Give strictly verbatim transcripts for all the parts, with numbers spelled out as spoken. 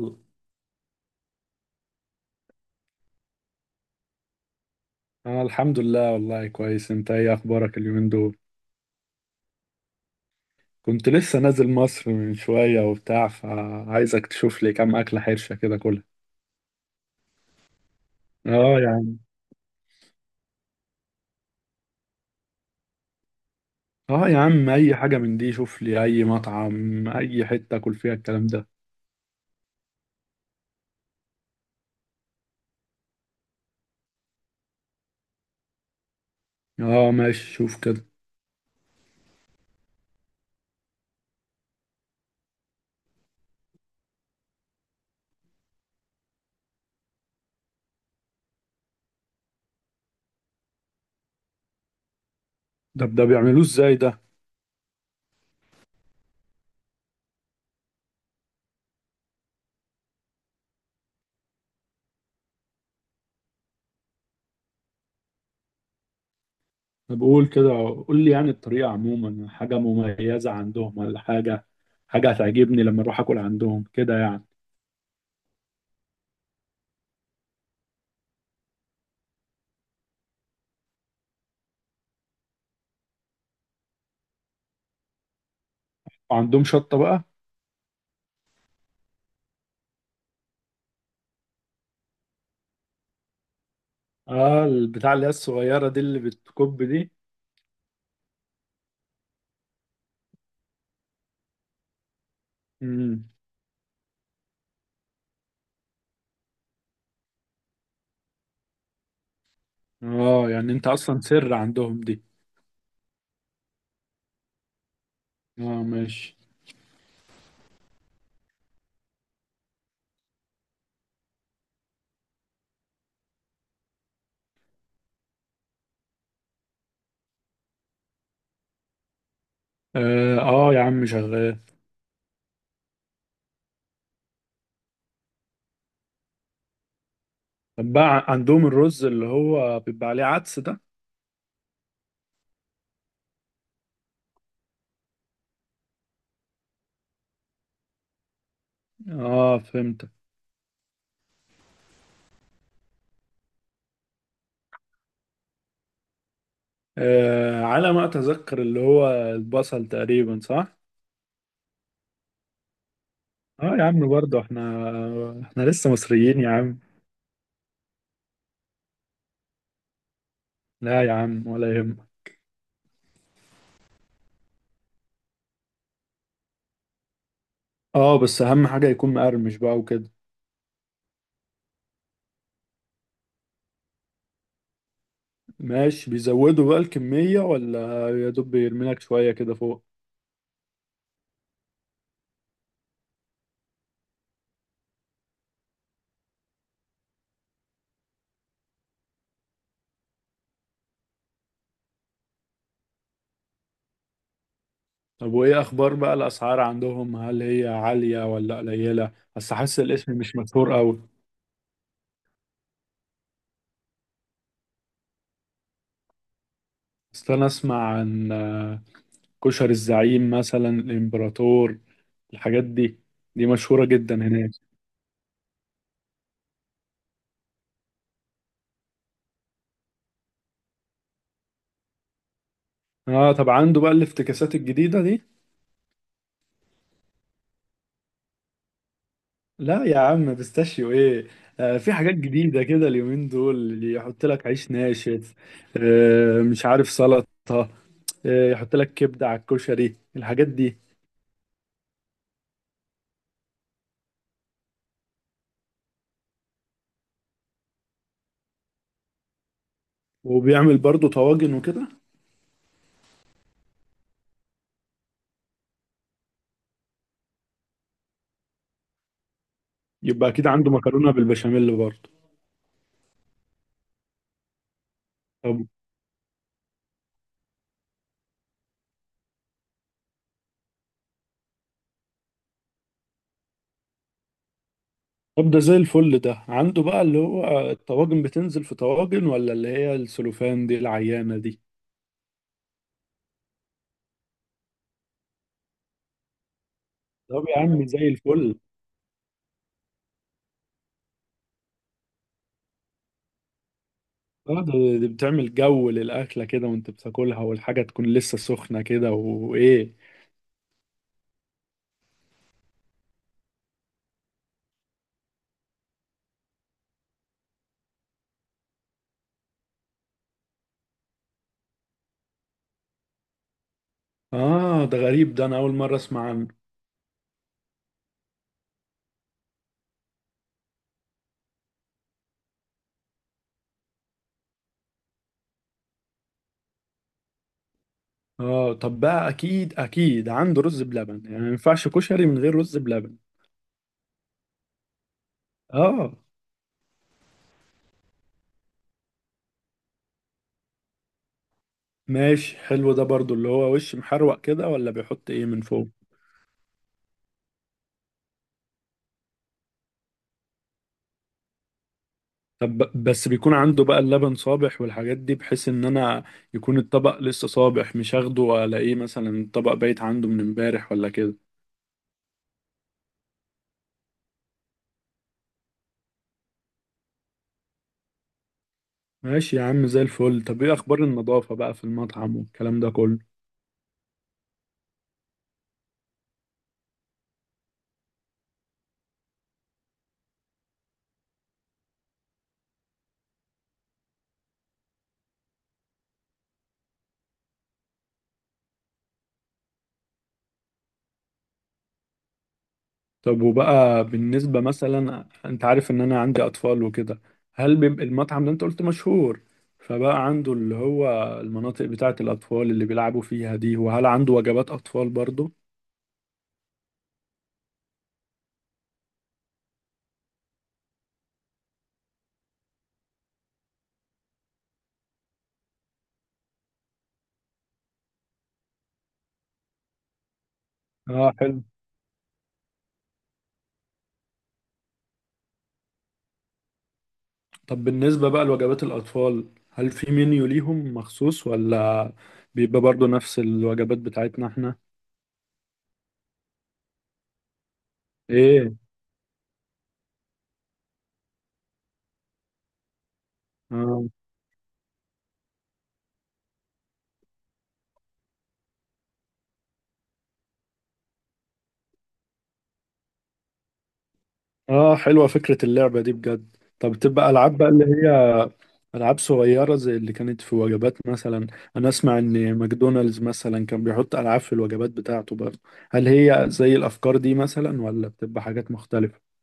أنا الحمد لله، والله كويس. أنت إيه أخبارك اليومين دول؟ كنت لسه نازل مصر من شوية وبتاع، فعايزك تشوف لي كام أكلة حرشة كده كلها. آه يا عم. آه يا عم، أي حاجة من دي. شوف لي أي مطعم، أي حتة أكل فيها الكلام ده. آه ماشي، شوف كده. ده ده بيعملوه إزاي ده؟ أنا بقول كده، قول لي يعني الطريقة. عموما حاجة مميزة عندهم ولا حاجة؟ حاجة هتعجبني لما أروح أكل عندهم كده يعني؟ وعندهم شطة بقى؟ آه، البتاع اللي هي الصغيرة دي، اللي بتكب دي. امم اه يعني انت اصلا سر عندهم دي؟ اه ماشي. اه، آه يا عم، شغال. طب بقى، ع- عندهم الرز اللي هو بيبقى عليه عدس ده؟ اه فهمت. آه على ما اتذكر، اللي هو البصل تقريبا، صح؟ اه يا عم، برضه احنا احنا لسه مصريين يا عم. لا يا عم، ولا يهمك. اه بس اهم حاجة يكون مقرمش بقى وكده. ماشي، بيزودوا بقى الكمية ولا يا دوب بيرمي لك شوية كده فوق؟ طب وايه اخبار بقى الاسعار عندهم؟ هل هي عالية ولا قليلة؟ بس حاسس الاسم مش مشهور قوي. بس انا اسمع عن كشري الزعيم مثلا، الامبراطور، الحاجات دي، دي مشهورة جدا هناك. اه طب عنده بقى الافتكاسات الجديدة دي؟ لا يا عم، بيستاشيو ايه؟ آه في حاجات جديدة كده اليومين دول اللي يحط لك عيش ناشف، آه مش عارف سلطة، آه يحط لك كبدة على الكشري، الحاجات دي. وبيعمل برضو طواجن وكده؟ يبقى اكيد عنده مكرونه بالبشاميل برضه. طب طب ده زي الفل. ده عنده بقى اللي هو الطواجن بتنزل في طواجن ولا اللي هي السلوفان دي العيانه دي؟ طب يا عم زي الفل. اه ده دي بتعمل جو للاكله كده وانت بتاكلها والحاجه تكون لسه سخنه كده وايه. اه ده غريب، ده انا اول مره اسمع عنه. اه طب بقى، اكيد اكيد عنده رز بلبن يعني، ما ينفعش كشري من غير رز بلبن. اه ماشي حلو، ده برضو اللي هو وش محروق كده ولا بيحط ايه من فوق؟ طب ب- بس بيكون عنده بقى اللبن صابح والحاجات دي، بحيث ان انا يكون الطبق لسه صابح، مش اخده والاقيه مثلا الطبق بايت عنده من امبارح ولا كده. ماشي يا عم زي الفل. طب ايه اخبار النظافة بقى في المطعم والكلام ده كله؟ طب وبقى بالنسبة مثلا، انت عارف ان انا عندي اطفال وكده، هل بيبقى المطعم ده، انت قلت مشهور، فبقى عنده اللي هو المناطق بتاعة الاطفال اللي بيلعبوا فيها دي؟ وهل عنده وجبات اطفال برضو؟ اه حلو. طب بالنسبة بقى لوجبات الأطفال، هل في منيو ليهم مخصوص ولا بيبقى برضو نفس الوجبات بتاعتنا احنا؟ ايه؟ آه. اه حلوة فكرة اللعبة دي بجد. طب تبقى ألعاب بقى اللي هي ألعاب صغيرة زي اللي كانت في وجبات مثلا؟ أنا أسمع إن ماكدونالدز مثلا كان بيحط ألعاب في الوجبات بتاعته برضه. هل هي زي الأفكار دي مثلا ولا بتبقى حاجات مختلفة؟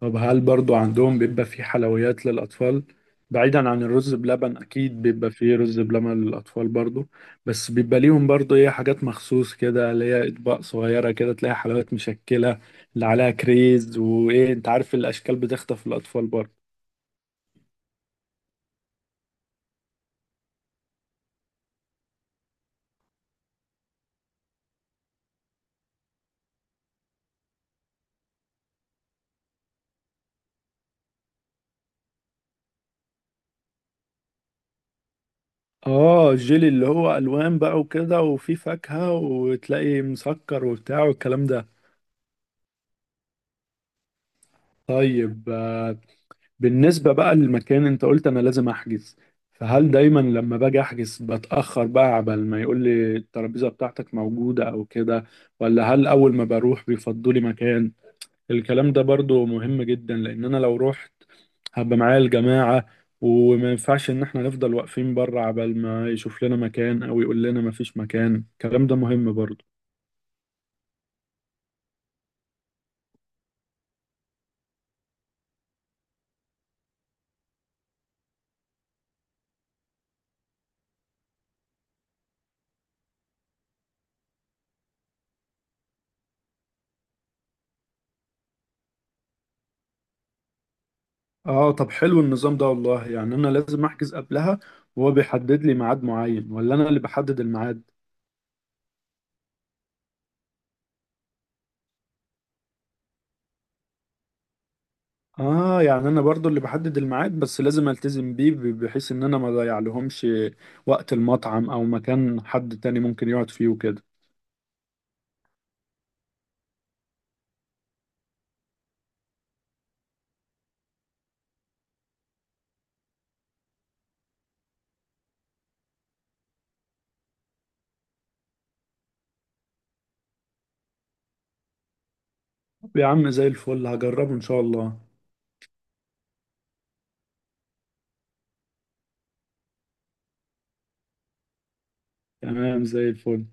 طب هل برضو عندهم بيبقى في حلويات للأطفال؟ بعيدا عن الرز بلبن، أكيد بيبقى فيه رز بلبن للأطفال برضو، بس بيبقى ليهم برضو إيه حاجات مخصوص كده اللي هي أطباق صغيرة كده، تلاقي حلويات مشكلة اللي عليها كريز وإيه، أنت عارف الأشكال بتخطف الأطفال برضو. آه الجيلي اللي هو ألوان بقى وكده وفيه فاكهة وتلاقي مسكر وبتاع والكلام ده. طيب آه، بالنسبة بقى للمكان، انت قلت انا لازم احجز، فهل دايما لما باجي احجز بتأخر بقى عبال ما يقول لي الترابيزة بتاعتك موجودة او كده، ولا هل اول ما بروح بيفضوا لي مكان؟ الكلام ده برضو مهم جدا، لان انا لو رحت هبقى معايا الجماعة، وما ينفعش ان احنا نفضل واقفين بره عبال ما يشوف لنا مكان او يقول لنا ما فيش مكان. الكلام ده مهم برضو. اه طب حلو النظام ده والله. يعني انا لازم احجز قبلها وهو بيحدد لي ميعاد معين، ولا انا اللي بحدد الميعاد؟ اه يعني انا برضو اللي بحدد الميعاد، بس لازم التزم بيه، ب- بحيث ان انا ما اضيع لهمش وقت المطعم او مكان حد تاني ممكن يقعد فيه وكده. طب يا عم زي الفل، هجربه ان شاء الله. تمام زي الفل.